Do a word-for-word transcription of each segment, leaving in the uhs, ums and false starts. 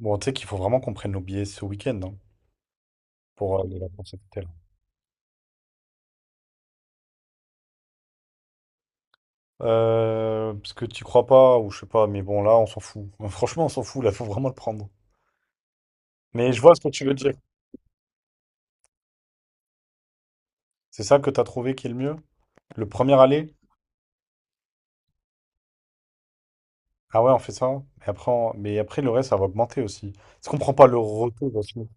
Bon, tu sais qu'il faut vraiment qu'on prenne nos billets ce week-end, hein, pour euh, les vacances cet été, là. Euh, parce que tu crois pas, ou je sais pas, mais bon, là, on s'en fout. Franchement, on s'en fout, là, faut vraiment le prendre. Mais je vois ce que tu veux dire. C'est ça que t'as trouvé qui est le mieux? Le premier aller? Ah ouais, on fait ça. Et après, on- mais après, le reste, ça va augmenter aussi. Est-ce qu'on prend pas le retour aussi?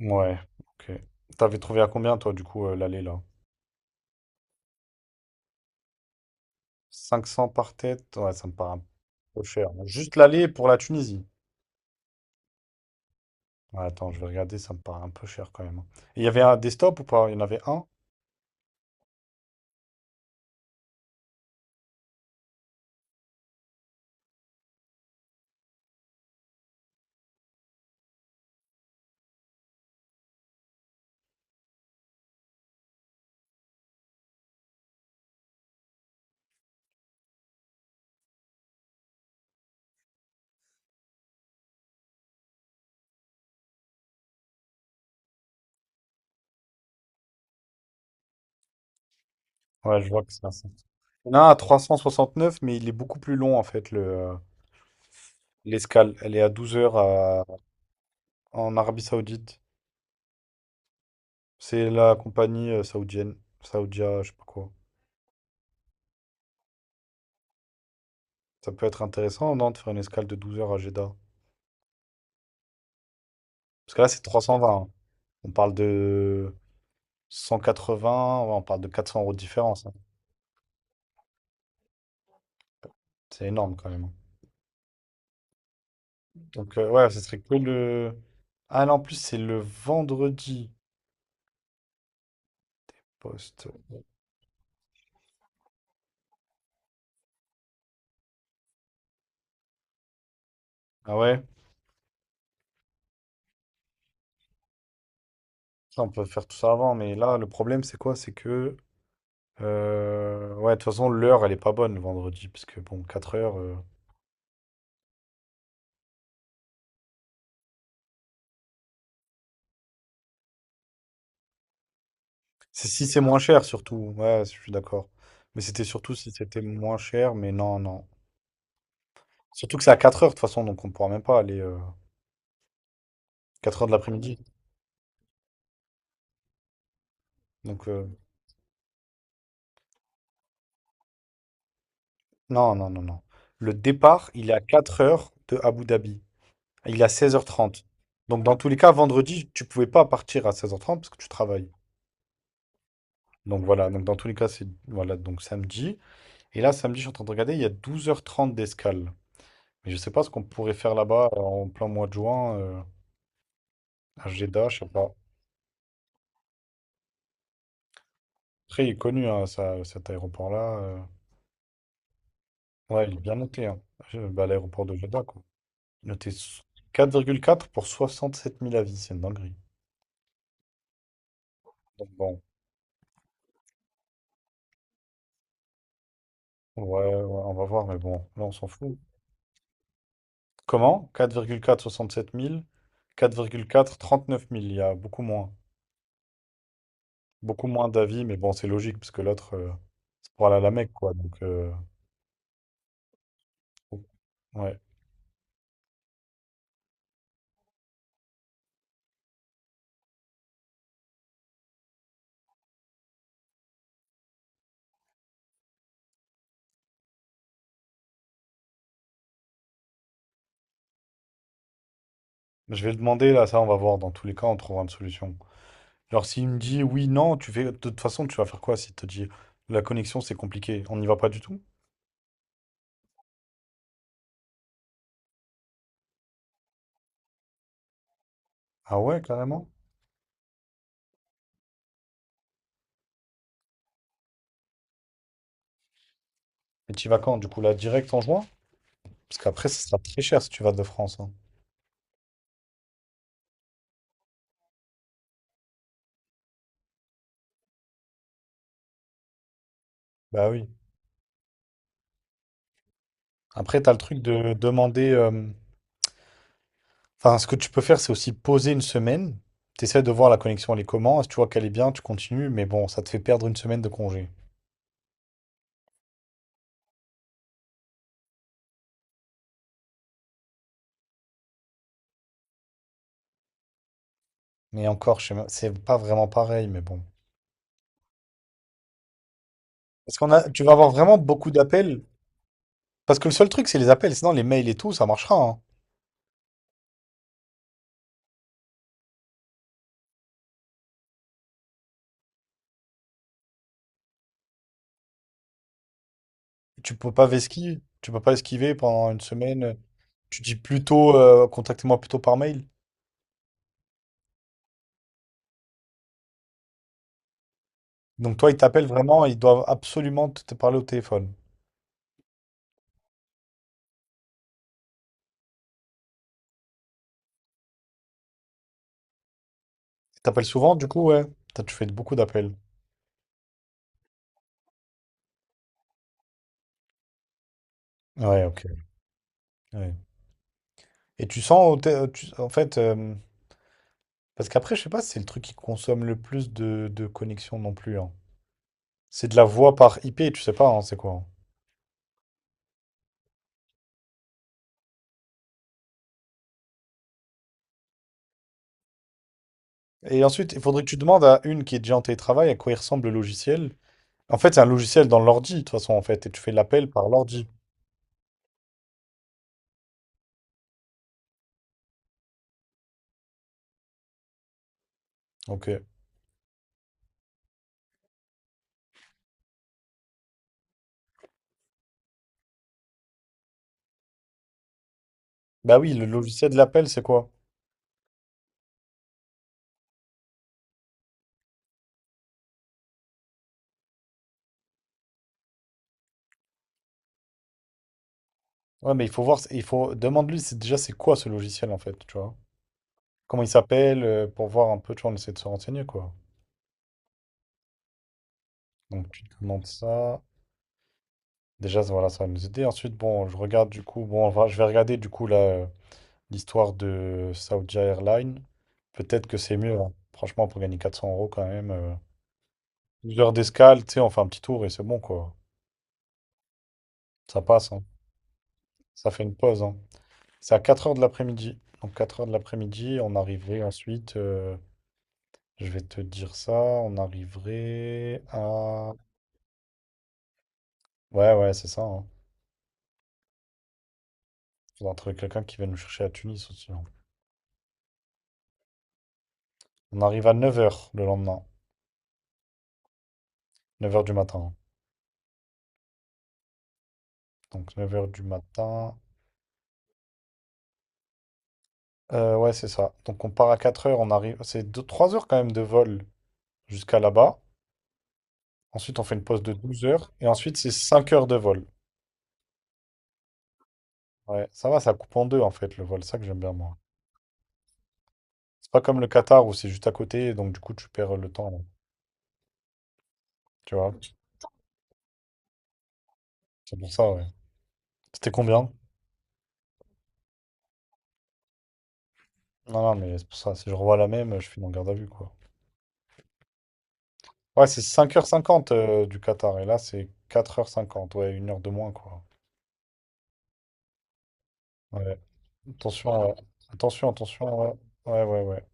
Ouais, ok. T'avais trouvé à combien, toi, du coup, euh, l'aller, là? Cinq cents par tête? Ouais, ça me paraît un peu cher. Juste l'aller pour la Tunisie. Ouais, attends, je vais regarder, ça me paraît un peu cher quand même. Et il y avait un desktop ou pas? Il y en avait un? Ouais, je vois que c'est un. cent- Il y en a un à trois cent soixante-neuf, mais il est beaucoup plus long en fait, le, euh, l'escale. Elle est à 12 heures à- en Arabie Saoudite. C'est la compagnie euh, saoudienne, Saoudia, je sais pas quoi. Ça peut être intéressant, non, de faire une escale de 12 heures à Jeddah. Parce que là, c'est trois cent vingt, hein. On parle de cent quatre-vingts, ouais, on parle de quatre cents euros de différence, hein. C'est énorme quand même, hein. Donc, euh, ouais, ce serait que le. Ah non, en plus, c'est le vendredi poste. Ah ouais? Ça, on peut faire tout ça avant, mais là, le problème, c'est quoi? C'est que. euh, Ouais, de toute façon, l'heure, elle est pas bonne le vendredi, parce que bon, quatre heures. euh, C'est si c'est moins cher, surtout. Ouais, je suis d'accord. Mais c'était surtout si c'était moins cher, mais non, non. Surtout que c'est à quatre heures, de toute façon, donc on pourra même pas aller euh, 4 heures de l'après-midi. Donc, euh, non, non, non, non. Le départ, il est à quatre heures de Abu Dhabi. Il est à seize heures trente. Donc, dans tous les cas, vendredi, tu pouvais pas partir à seize heures trente parce que tu travailles. Donc, voilà. Donc, dans tous les cas, c'est voilà, donc samedi. Et là, samedi, je suis en train de regarder, il y a douze heures trente d'escale. Mais je sais pas ce qu'on pourrait faire là-bas euh, en plein mois de juin, euh, à Jeddah, je sais pas. Après, il est connu, hein, ça- cet aéroport-là. euh. Ouais, il est bien noté, hein. Je- bah, l'aéroport de Jeddah, quoi. Noté s- quatre virgule quatre pour soixante sept mille avis, c'est une dinguerie. Donc, bon, ouais, ouais, on va voir, mais bon, là, on s'en fout. Comment? Quatre quatre quatre virgule soixante-sept mille, quatre virgule quatre trente-neuf mille. Il y a beaucoup moins. Beaucoup moins d'avis, mais bon, c'est logique, parce que l'autre, euh, c'est pour aller à la Mecque, quoi. Donc, euh, ouais. Je vais le demander, là, ça, on va voir. Dans tous les cas, on trouvera une solution. Alors, s'il me dit oui, non, tu fais... De toute façon, tu vas faire quoi s'il te dit la connexion, c'est compliqué. On n'y va pas du tout? Ah ouais, carrément. Et tu y vas quand? Du coup, là, direct en juin? Parce qu'après, ça sera très cher si tu vas de France, hein. Bah oui. Après, t'as le truc de demander. euh, Enfin, ce que tu peux faire, c'est aussi poser une semaine. Tu essaies de voir la connexion, elle est comment. Si tu vois qu'elle est bien, tu continues. Mais bon, ça te fait perdre une semaine de congé. Mais encore, je sais même- c'est pas vraiment pareil, mais bon. Parce qu'on a, tu vas avoir vraiment beaucoup d'appels. Parce que le seul truc, c'est les appels. Sinon, les mails et tout, ça marchera, hein. Tu peux pas esquiver. Tu peux pas esquiver pendant une semaine. Tu dis plutôt, euh, contactez-moi plutôt par mail. Donc toi, ils t'appellent vraiment. Ils doivent absolument te te parler au téléphone. Ils t'appellent souvent, du coup, ouais. Toi, tu fais beaucoup d'appels. Ouais, ok. Ouais. Et tu sens, au te- tu- en fait, euh, parce qu'après, je sais pas si c'est le truc qui consomme le plus de, de connexion non plus, hein. C'est de la voix par I P, tu sais pas, hein, c'est quoi, hein. Et ensuite, il faudrait que tu demandes à une qui est déjà en télétravail à quoi il ressemble le logiciel. En fait, c'est un logiciel dans l'ordi, de toute façon, en fait, et tu fais l'appel par l'ordi. Ok. Bah oui, le logiciel de l'appel, c'est quoi? Ouais, mais il faut voir, il faut demande-lui c'est déjà c'est quoi ce logiciel en fait, tu vois. Comment il s'appelle, euh, pour voir un peu, tu vois, on essaie de se renseigner, quoi. Donc tu demandes ça. Déjà, ça- voilà, ça va nous aider. Ensuite, bon, je regarde du coup, bon, on va- je vais regarder du coup la- l'histoire de Saudi Airlines. Peut-être que c'est mieux, hein. Franchement, pour gagner quatre cents euros quand même. euh, Une d'escale, tu sais, on fait un petit tour et c'est bon, quoi. Ça passe, hein. Ça fait une pause, hein. C'est à quatre heures de l'après-midi. Donc, quatre heures de l'après-midi, on arriverait ensuite, euh, je vais te dire ça, on arriverait à. Ouais, ouais, c'est ça, hein. Faudra trouver quelqu'un qui va nous chercher à Tunis aussi, hein. On arrive à neuf heures le lendemain, neuf heures du matin, hein. Donc neuf heures du matin. Euh, ouais, c'est ça. Donc on part à quatre heures on arrive. C'est deux trois heures quand même de vol jusqu'à là-bas. Ensuite, on fait une pause de douze heures. Et ensuite, c'est cinq heures de vol. Ouais, ça va, ça coupe en deux en fait le vol. C'est ça que j'aime bien moi. C'est pas comme le Qatar où c'est juste à côté, donc du coup tu perds le temps, là. Tu vois? C'est pour ça, ouais. C'était combien? Non, non, mais c'est pour ça. Si je revois la même, je finis en garde à vue, quoi. Ouais, c'est cinq heures cinquante euh, du Qatar. Et là, c'est quatre heures cinquante, ouais, une heure de moins, quoi. Ouais. Attention, ouais. Attention, attention. Ouais, ouais, ouais, ouais.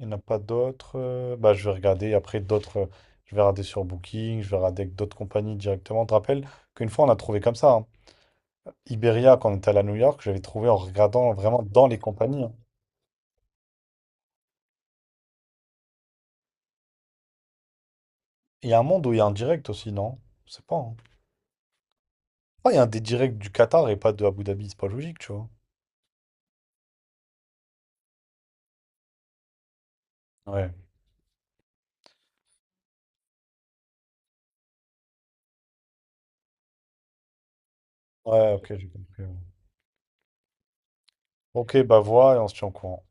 Il n'y en a pas d'autres. euh, Bah, je vais regarder après d'autres. euh, Je vais regarder sur Booking, je vais regarder avec d'autres compagnies directement. Je te rappelle qu'une fois, on a trouvé comme ça, hein. Iberia, quand on était allé à New York, j'avais trouvé en regardant vraiment dans les compagnies, hein. Il y a un monde où il y a un direct aussi, non? Je sais pas, hein. Ah, il y a un des directs du Qatar et pas de Abu Dhabi, c'est pas logique, tu vois. Ouais. Ouais, ok, j'ai compris, ouais. Ok, bah vois et on se tient au courant.